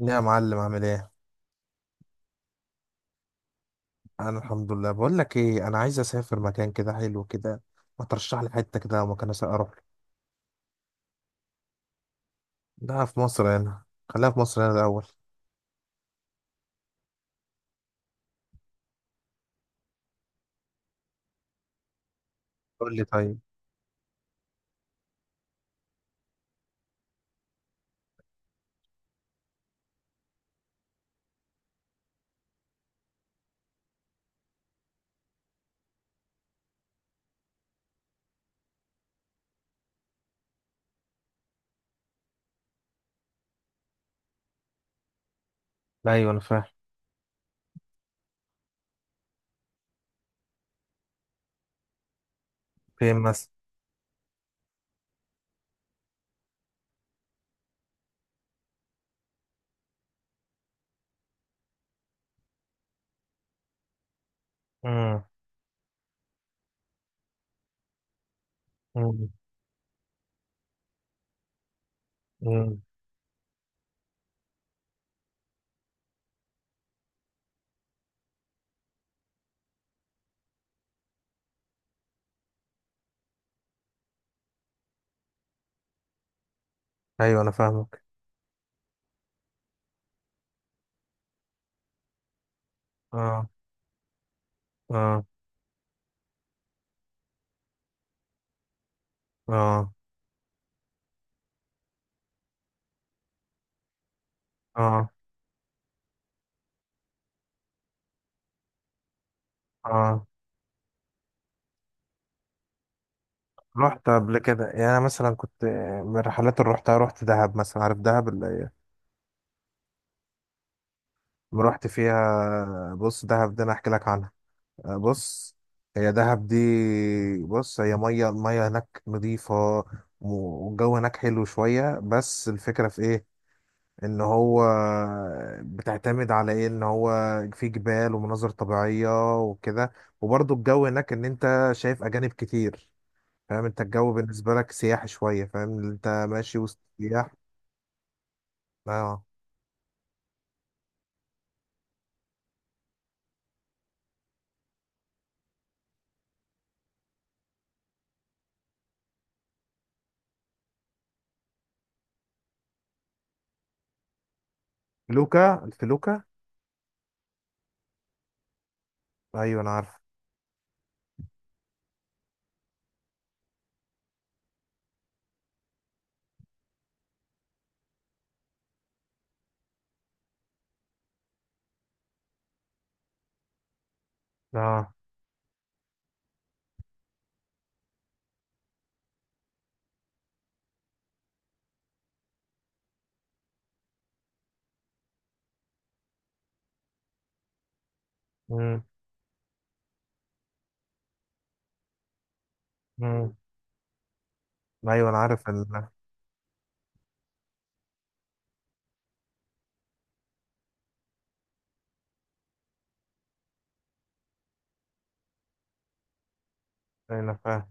يا معلم، عامل ايه؟ انا الحمد لله. بقول لك ايه، انا عايز اسافر مكان كده حلو كده. ما ترشح لي حته كده مكان اروح له. ده في مصر هنا. خليها في مصر هنا الاول. قول لي طيب. ايوه انا فاهم. فين مثلا؟ امم. امم. امم. ايوه انا فاهمك. اه. اه. اه. اه. اه. رحت قبل كده، يعني انا مثلا كنت من الرحلات اللي رحتها. رحت دهب مثلا. عارف دهب اللي رحت فيها؟ بص، دهب ده انا احكي لك عنها. بص، هي دهب دي. بص، هي الميه هناك نظيفه، والجو هناك حلو شويه. بس الفكره في ايه؟ ان هو بتعتمد على ايه؟ ان هو في جبال ومناظر طبيعيه وكده، وبرضه الجو هناك ان انت شايف اجانب كتير. فاهم؟ انت الجو بالنسبه لك سياحي شويه، فاهم إن انت ماشي وسط سياح. اه. الفلوكه. ايوه انا عارف. اه. امم. ايوه انا عارف. أيوه، انا فاهم.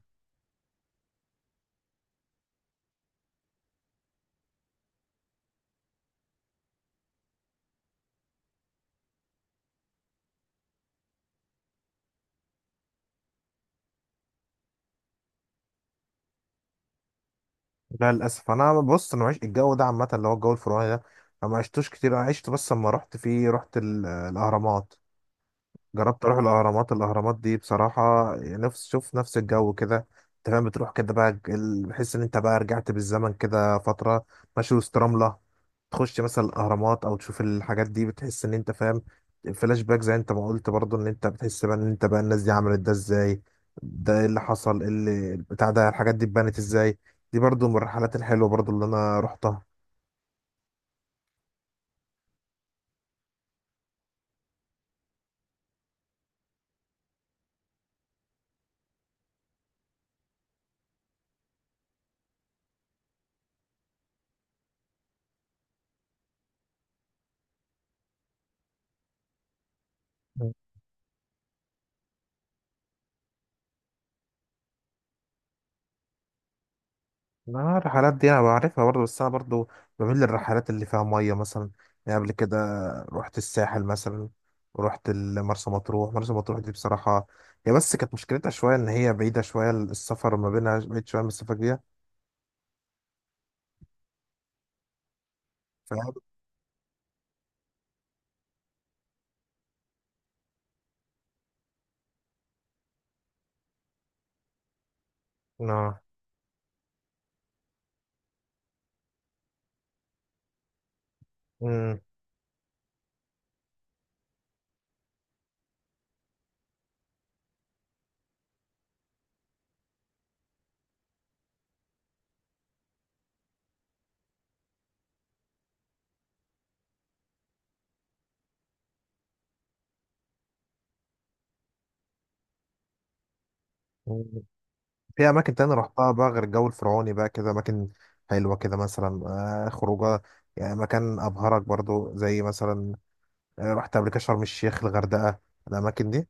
لا للاسف، انا بص انا معيش الجو ده عامه، اللي هو الجو الفرعوني ده انا ما عشتوش كتير. انا عشت بس لما رحت فيه رحت الاهرامات. جربت اروح الاهرامات دي بصراحه نفس الجو كده. انت فاهم، بتروح كده بقى بحس ان انت بقى رجعت بالزمن كده فتره، ماشي وسط رمله. تخش مثلا الاهرامات او تشوف الحاجات دي بتحس ان انت فاهم فلاش باك، زي انت ما قلت برضه، ان انت بتحس بقى ان انت بقى الناس دي عملت ده ازاي؟ ده ايه اللي حصل؟ ايه اللي بتاع ده؟ الحاجات دي اتبنت ازاي؟ دي برضه من الرحلات الحلوه برضه اللي انا رحتها. لا الرحلات دي انا بعرفها برضه، بس انا برضه بميل للرحلات اللي فيها ميه مثلا. يعني قبل كده رحت الساحل مثلا، ورحت مرسى مطروح. مرسى مطروح دي بصراحه، هي بس كانت مشكلتها شويه ان هي بعيده شويه. السفر ما بينها بعيد شويه من السفاجية. فاهم؟ اه. أمم. في اماكن تانية رحتها بقى غير الجو الفرعوني بقى كده، اماكن حلوه كده مثلا، خروجه، يعني مكان ابهرك برضه زي مثلا، رحت قبل كده شرم الشيخ الغردقه الاماكن دي.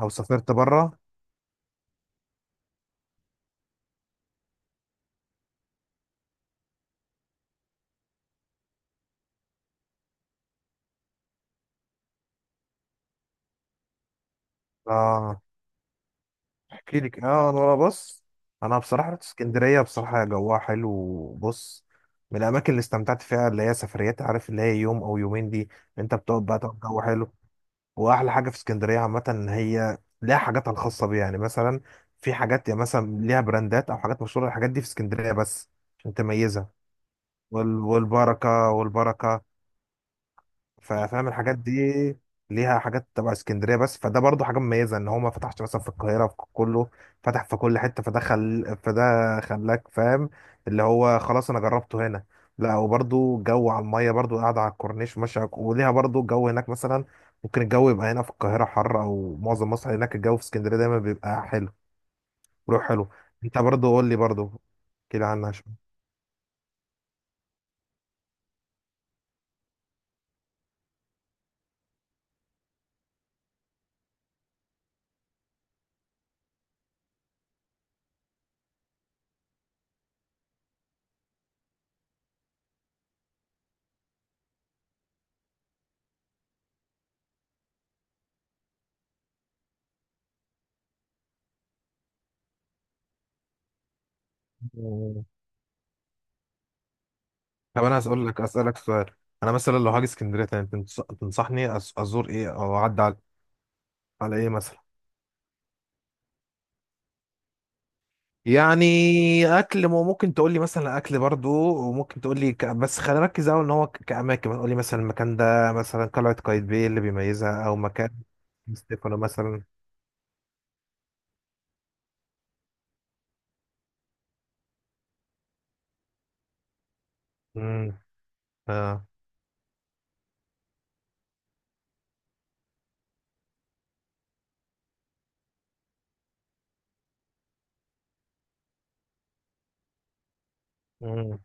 او سافرت بره. اه. احكي لك، اه، انا بص. انا بصراحه رحت اسكندريه. بصراحه جوها حلو، وبص، من الاماكن اللي استمتعت فيها اللي هي سفريات، عارف اللي هي يوم او يومين دي. انت بتقعد بقى تقعد جو حلو. واحلى حاجه في اسكندريه عامه ان هي ليها حاجاتها الخاصه بيها. يعني مثلا في حاجات، يعني مثلا ليها براندات او حاجات مشهوره. الحاجات دي في اسكندريه بس عشان تميزها. والبركه. ففاهم الحاجات دي ليها حاجات تبع اسكندريه بس. فده برضو حاجه مميزه، ان هو ما فتحش مثلا في القاهره في كله. فتح في كل حته. فده خلاك فاهم. اللي هو خلاص انا جربته هنا. لا وبرضو جو على الميه، برضو قاعده على الكورنيش، ماشيه وليها برضو جو هناك. مثلا ممكن الجو يبقى هنا في القاهره حر، او معظم مصر، هناك الجو في اسكندريه دايما بيبقى حلو. روح حلو. انت برضو قول لي برضو كده عنها شويه. طب انا هسأل لك اسالك سؤال. انا مثلا لو هاجي اسكندريه تاني، تنصحني ازور ايه، او اعدي على ايه مثلا؟ يعني اكل، ممكن تقول لي مثلا اكل برضو، وممكن تقول لي. بس خلينا نركز قوي، ان هو كاماكن. تقول لي مثلا المكان ده، مثلا قلعه قايتباي إيه اللي بيميزها؟ او مكان ستيفانو مثلا. امم. اه. امم.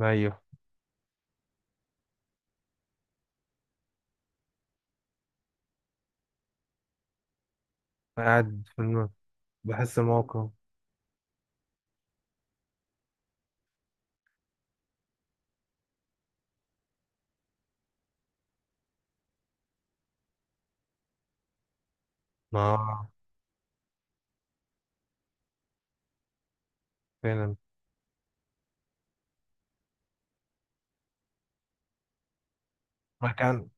ايوه. قاعد في. بحس الموقف. اه. فعلا. مكان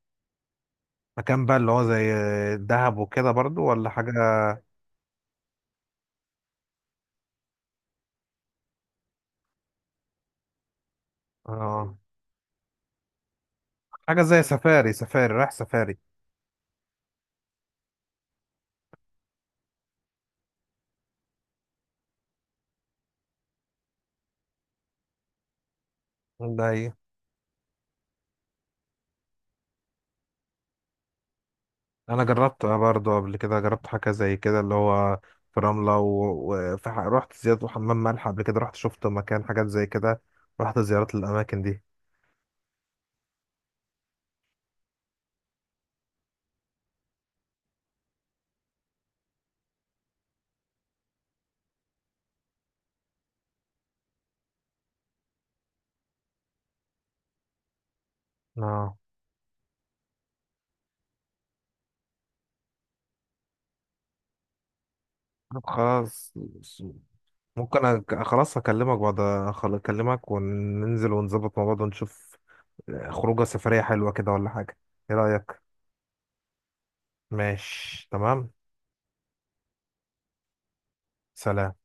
مكان بقى اللي هو زي دهب وكده، برضو ولا حاجه؟ اه. حاجة زي سفاري، سفاري رايح سفاري. ده هي. أنا جربتها برضه قبل كده. جربت حاجة زي كده اللي هو في رملة، وفي رحت زيارة حمام ملح قبل كده. رحت شفت مكان حاجات زي كده. رحت زيارات للأماكن دي. اه. طب خلاص. ممكن خلاص أكلمك بعد. أكلمك وننزل ونظبط مع بعض ونشوف خروجة سفرية حلوة كده ولا حاجة. إيه رأيك؟ ماشي تمام. سلام.